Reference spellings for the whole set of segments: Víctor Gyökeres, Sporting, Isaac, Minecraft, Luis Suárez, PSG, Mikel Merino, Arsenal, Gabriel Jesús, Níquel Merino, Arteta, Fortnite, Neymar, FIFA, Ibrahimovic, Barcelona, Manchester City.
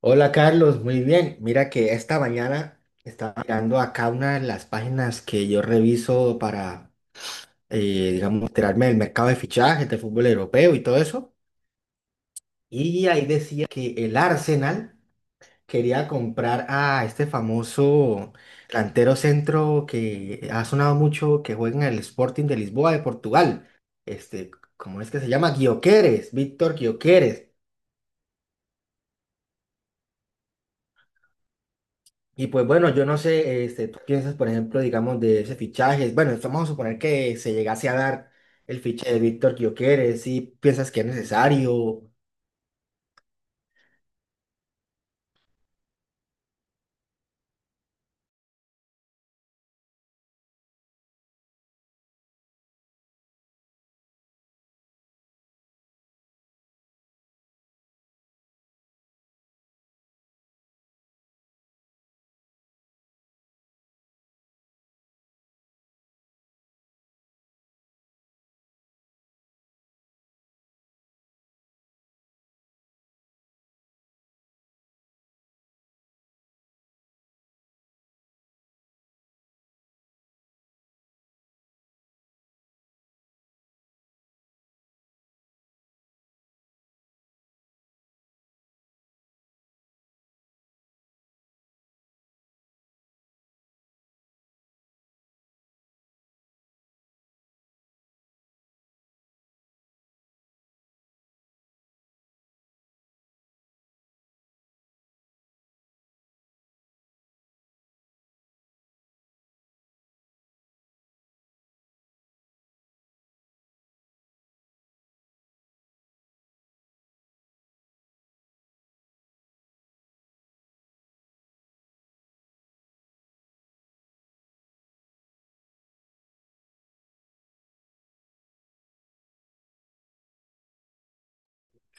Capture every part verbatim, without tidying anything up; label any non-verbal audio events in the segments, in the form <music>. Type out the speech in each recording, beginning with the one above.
Hola Carlos, muy bien. Mira que esta mañana estaba mirando acá una de las páginas que yo reviso para, eh, digamos, enterarme del mercado de fichajes de fútbol europeo y todo eso. Y ahí decía que el Arsenal quería comprar a este famoso delantero centro que ha sonado mucho, que juega en el Sporting de Lisboa de Portugal. Este, ¿cómo es que se llama? Gyökeres, Víctor Gyökeres. Y pues bueno, yo no sé, este, tú piensas, por ejemplo, digamos, de ese fichaje. Bueno, vamos a suponer que se llegase a dar el fichaje de Víctor Gyökeres, si piensas que es necesario.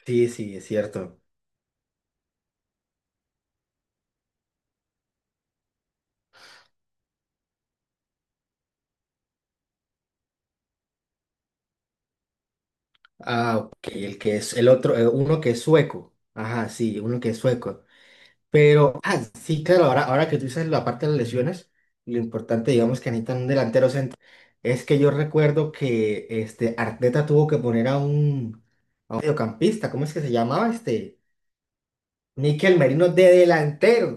Sí, sí, es cierto. Ah, ok, el que es el otro, eh, uno que es sueco. Ajá, sí, uno que es sueco. Pero, ah, sí, claro, ahora, ahora que tú dices la parte de las lesiones, lo importante, digamos, que necesitan un delantero centro. Es que yo recuerdo que este Arteta tuvo que poner a un, a un mediocampista, ¿cómo es que se llamaba este? Níquel Merino de delantero.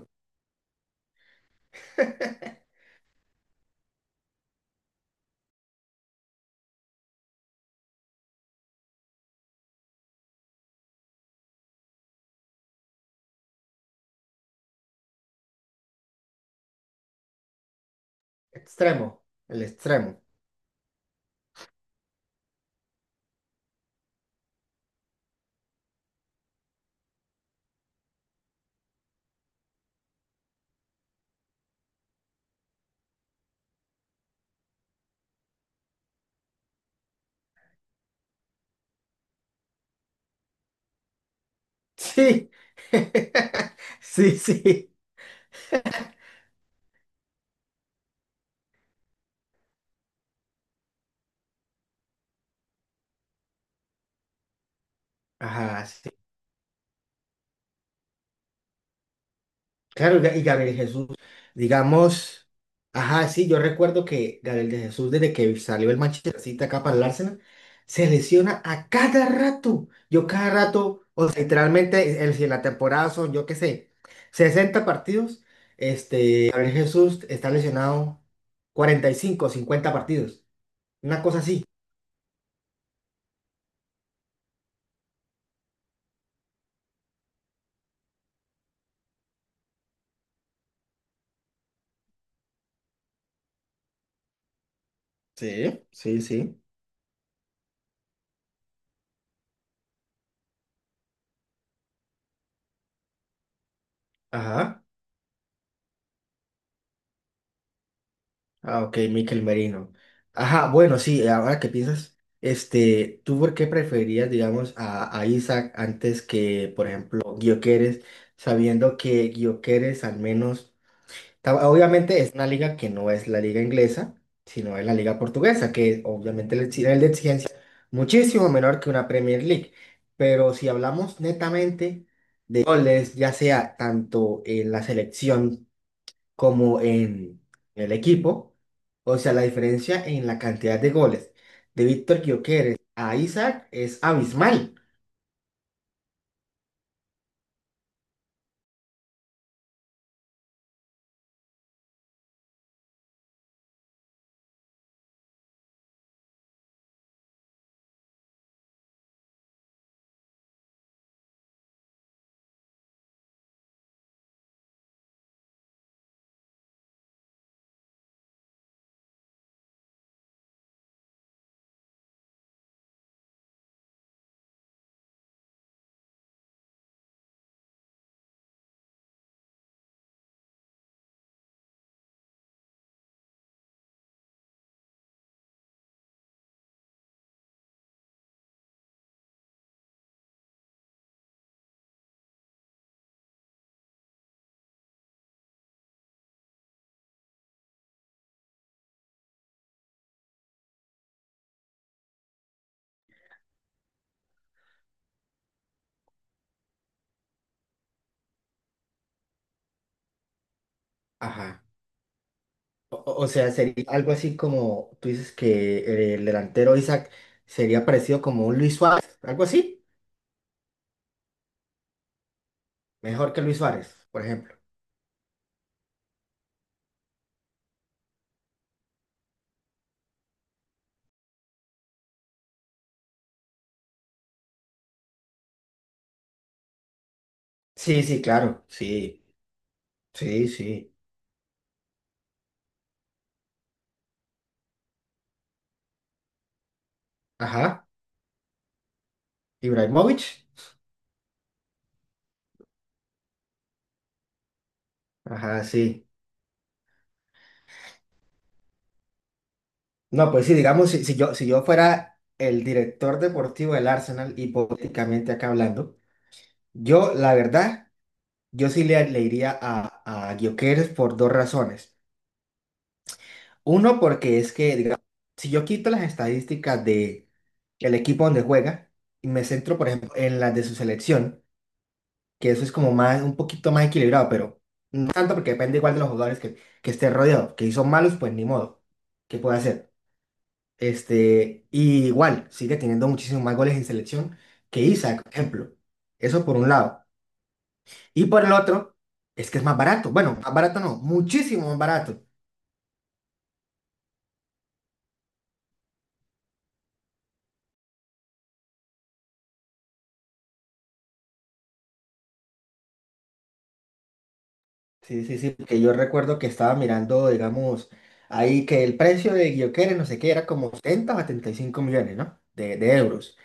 <laughs> Extremo. El extremo. Sí. <laughs> Sí, sí. Ajá, sí. Claro, y Gabriel Jesús, digamos, ajá, sí, yo recuerdo que Gabriel de Jesús, desde que salió el Manchester City acá para el Arsenal, se lesiona a cada rato. Yo cada rato, o sea, literalmente, el- si en la temporada son, yo qué sé, sesenta partidos, este, Gabriel Jesús está lesionado cuarenta y cinco, cincuenta partidos. Una cosa así. Sí, sí, sí. Ajá. Ah, ok, Mikel Merino. Ajá, bueno, sí, ahora que piensas, este, ¿tú por qué preferirías, digamos, a, a Isaac antes que, por ejemplo, Gyökeres, sabiendo que Gyökeres al menos, ta- obviamente es una liga que no es la liga inglesa, sino es la liga portuguesa, que obviamente el exi- nivel de exigencia es muchísimo menor que una Premier League. Pero si hablamos netamente de goles, ya sea tanto en la selección, como en el equipo, o sea, la diferencia en la cantidad de goles de Víctor Gyökeres a Isaac es abismal. Ajá. O, o- o sea, sería algo así como tú dices que el delantero Isaac sería parecido como un Luis Suárez, algo así. Mejor que Luis Suárez, por ejemplo. Sí, sí, claro. Sí, sí, sí. Ajá. Ibrahimovic. Ajá, sí. No, pues sí, digamos, si, si yo, si yo fuera el director deportivo del Arsenal, hipotéticamente acá hablando, yo, la verdad, yo sí le, le iría a, a Gyökeres por dos razones. Uno, porque es que, digamos, si yo quito las estadísticas de el equipo donde juega y me centro, por ejemplo, en las de su selección, que eso es como más, un poquito más equilibrado, pero no tanto porque depende igual de los jugadores que, que esté rodeado. Que si son malos, pues ni modo. ¿Qué puede hacer? Este, y igual, sigue teniendo muchísimos más goles en selección que Isaac, por ejemplo. Eso por un lado. Y por el otro, es que es más barato. Bueno, más barato no, muchísimo más barato. Sí, sí, sí, porque yo recuerdo que estaba mirando, digamos, ahí que el precio de Guioquere, no sé qué, era como setenta o setenta y cinco millones, ¿no? De, de euros.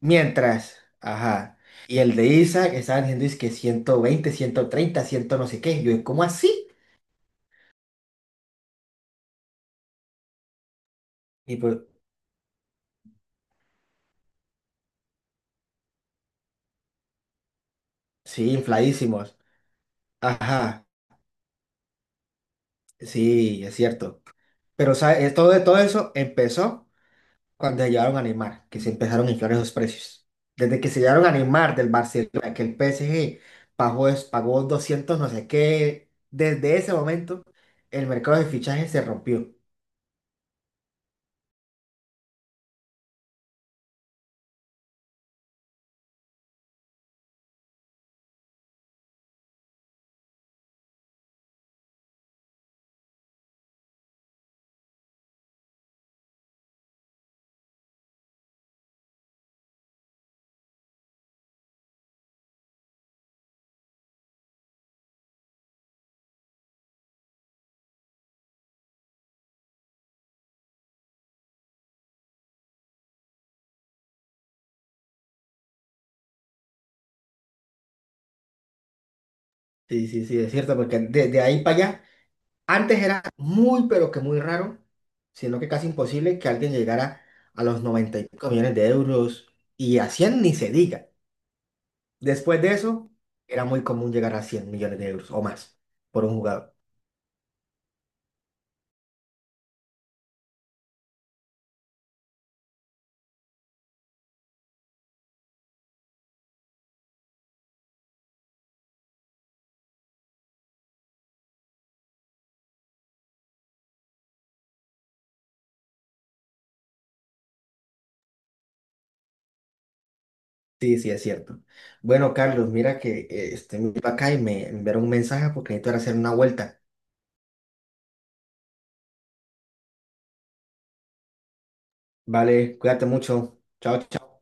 Mientras, ajá. Y el de Isa, que estaban diciendo es que ciento veinte ciento treinta cien no sé qué. Yo, ¿cómo así? Y pues, sí, infladísimos. Ajá, sí, es cierto. Pero, ¿sabes? Todo, todo eso empezó cuando se llevaron a Neymar, que se empezaron a inflar esos precios. Desde que se llevaron a Neymar del Barcelona, que el P S G pagó, es- pagó doscientos no sé qué, desde ese momento el mercado de fichajes se rompió. Sí, sí, sí, es cierto, porque desde ahí para allá, antes era muy, pero que muy raro, sino que casi imposible que alguien llegara a los noventa y cinco millones de euros y a cien ni se diga. Después de eso, era muy común llegar a cien millones de euros o más por un jugador. Sí, sí, es cierto. Bueno, Carlos, mira que eh, este, me iba acá y me me enviaron un mensaje porque necesito ir a hacer una vuelta. Vale, cuídate mucho. Chao.